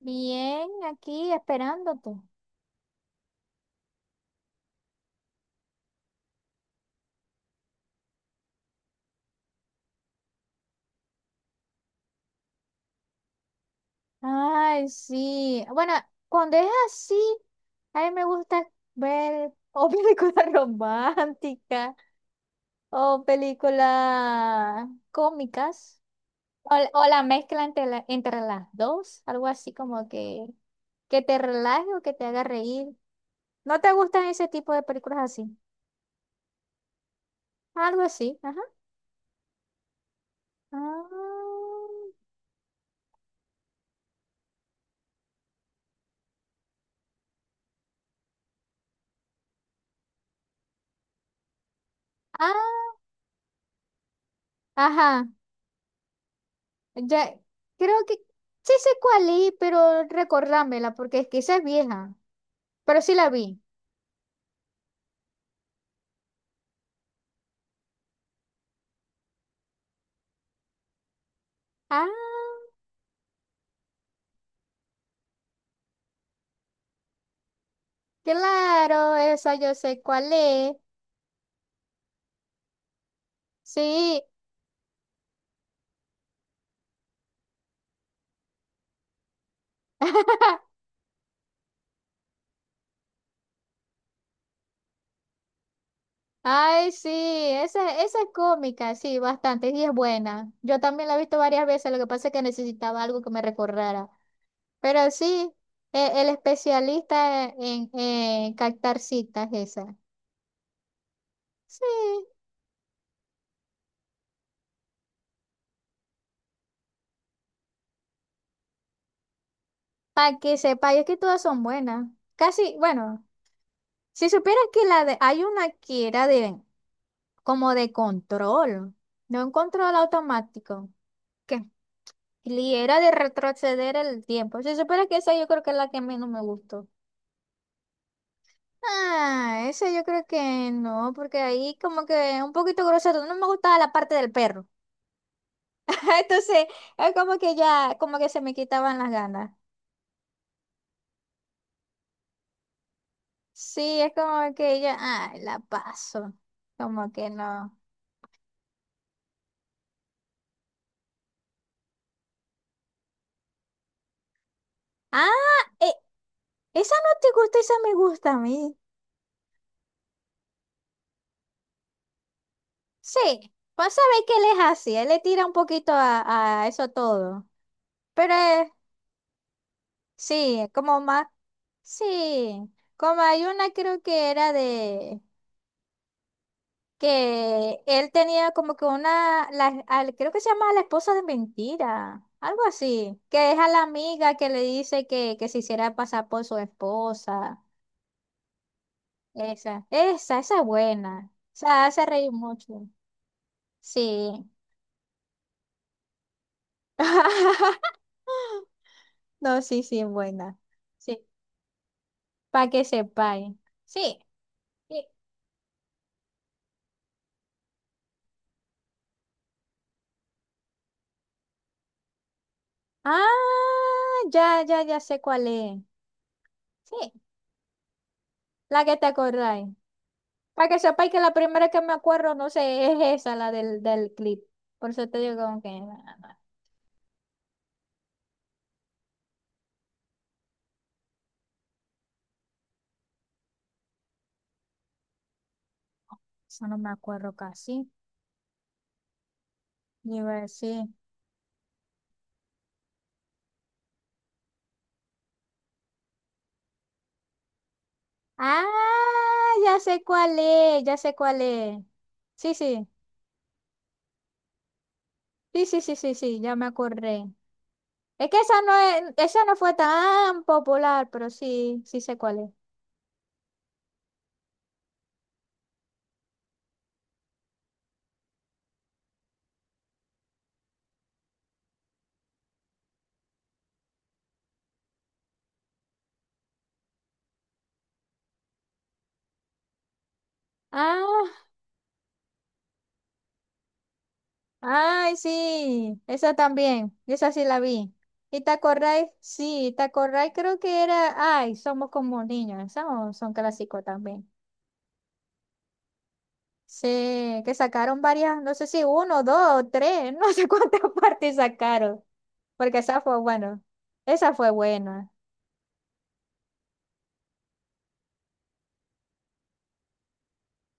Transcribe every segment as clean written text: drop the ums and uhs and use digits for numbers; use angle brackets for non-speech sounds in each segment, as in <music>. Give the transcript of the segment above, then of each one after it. Bien, aquí esperándote. Ay, sí. Bueno, cuando es así, a mí me gusta ver o <laughs> películas románticas o películas cómicas o la mezcla entre las dos, algo así como que te relaje o que te haga reír. ¿No te gustan ese tipo de películas así? Algo así, ajá. Ah, ah, ajá. Ya, creo que sí sé cuál es, pero recordámela, porque es que esa es vieja. Pero sí la vi. Ah, claro, esa yo sé cuál es. Sí. <laughs> Ay, sí, esa es cómica, sí, bastante, y es buena. Yo también la he visto varias veces, lo que pasa es que necesitaba algo que me recordara. Pero sí, el especialista en captar citas, esa. Sí, para que sepa, y es que todas son buenas. Casi, bueno. Si supieras que la de, hay una que era de, como de control, no un control automático, que era de retroceder el tiempo. Si supieras que esa yo creo que es la que menos me gustó. Ah, esa yo creo que no, porque ahí como que un poquito grosero, no me gustaba la parte del perro. <laughs> Entonces, es como que ya, como que se me quitaban las ganas. Sí, es como que ya, ay, la paso. Como que no. Ah, eh, esa no te gusta, esa me gusta a mí. Sí, pues sabéis que él es así, él le tira un poquito a eso todo. Pero sí, como más, sí, como hay una creo que era de que él tenía como que una, la, creo que se llama la esposa de mentira, algo así, que es a la amiga que le dice que se hiciera pasar por su esposa. Esa es buena. O sea, hace reír mucho. Sí. <laughs> No, sí, sí, buena. Sí, para que sepáis. Sí. y- Ah, ya, ya, ya sé cuál es. Sí, la que te acordáis. Para que sepáis que la primera que me acuerdo, no sé, es esa, la del clip. Por eso te digo como que, no, no, eso no me acuerdo casi. Y iba a decir, ah, ya sé cuál es, ya sé cuál es. Sí, sí, sí, sí, sí, sí, sí, ya me acordé. Es que esa no es, esa no fue tan popular, pero sí, sí sé cuál es. Ah, ay, sí, esa también, esa sí la vi. ¿Y te acordáis? Sí, ¿te acordáis? Creo que era, ay, somos como niños, esos son clásicos también. Sí, que sacaron varias, no sé si uno, dos, tres, <laughs> no sé cuántas <laughs> partes sacaron, porque esa fue bueno, esa fue buena.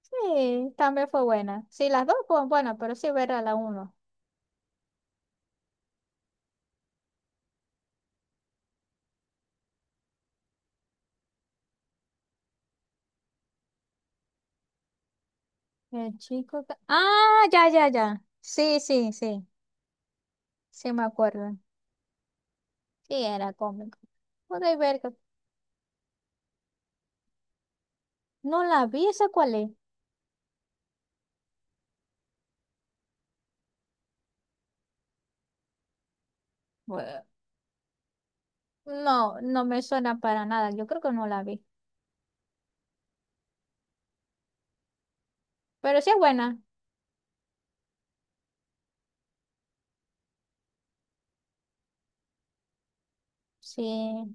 Sí, también fue buena. Sí, las dos fueron buenas, pero sí verá la uno. El chico que- Ah, ya, ya, ya. Sí, sí, sí, sí me acuerdo. Sí, era cómico. Podéis ver. No la vi, ¿esa cuál es? Bue- no, no me suena para nada, yo creo que no la vi, pero sí es buena, sí.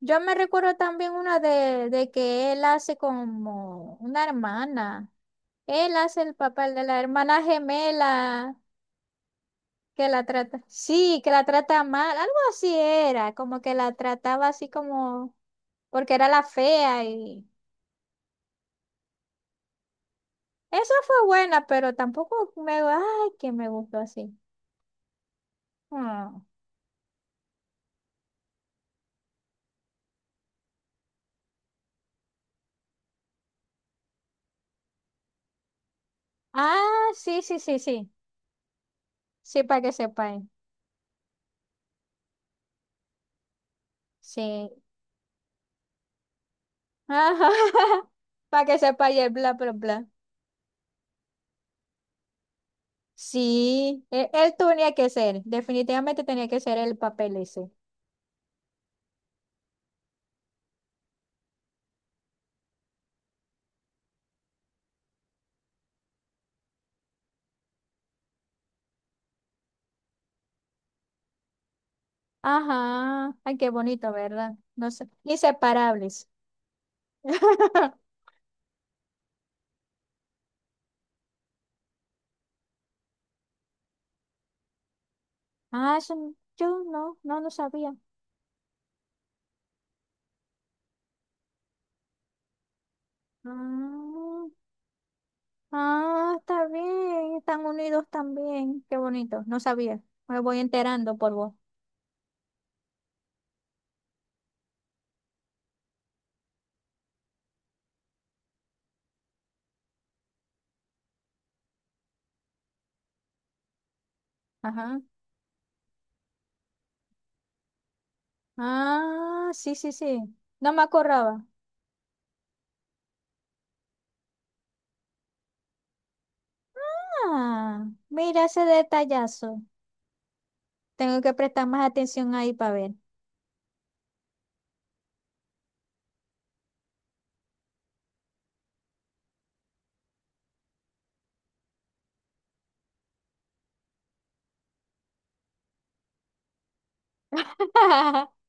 Yo me recuerdo también una de que él hace como una hermana, él hace el papel de la hermana gemela, que la trata, sí, que la trata mal, algo así era, como que la trataba así como, porque era la fea y esa fue buena, pero tampoco me, ay, que me gustó así. Mm. Ah, sí, sí, sí, sí. Sí, para que sepáis. Sí. Ajá. <laughs> Para que sepáis el bla, bla, bla. Sí, él, tenía que ser. Definitivamente tenía que ser el papel ese. Ajá. Ay, qué bonito, ¿verdad? No sé. Inseparables. <laughs> Ah, eso no- yo no, no, no sabía. Ah, ah, está bien. Están unidos también. Qué bonito. No sabía. Me voy enterando por vos. Ajá. Ah, sí, sí, sí. No me acordaba. Ah, mira ese detallazo. Tengo que prestar más atención ahí para ver. <laughs>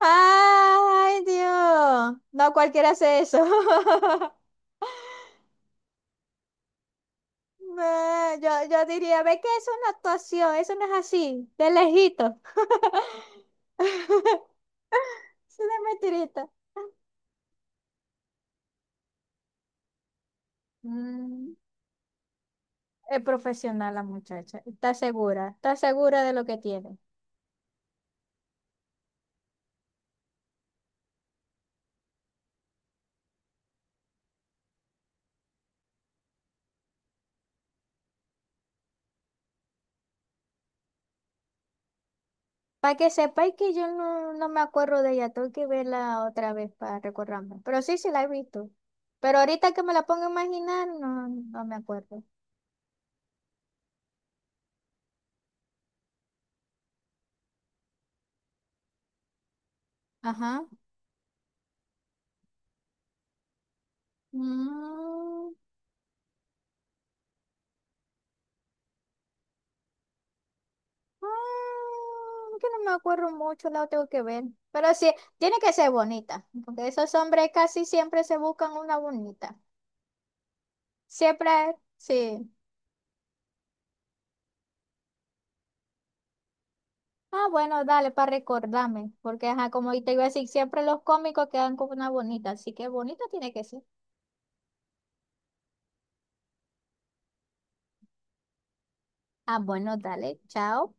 ¡Ay, Dios! No cualquiera hace eso. <laughs> No, yo diría, ve que es una actuación, eso no es así, de lejito. <laughs> Es una mentirita. Mm, es profesional la muchacha, está segura de lo que tiene. Para que sepáis que yo no, no me acuerdo de ella, tengo que verla otra vez para recordarme. Pero sí, sí la he visto. Pero ahorita que me la pongo a imaginar, no, no me acuerdo. Ajá. Mm, ah, que no me acuerdo mucho, la tengo que ver. Pero sí, tiene que ser bonita, porque esos hombres casi siempre se buscan una bonita. Siempre, sí. Ah, bueno, dale, para recordarme, porque ajá, como te iba a decir, siempre los cómicos quedan con una bonita, así que bonita tiene que ser. Ah, bueno, dale, chao.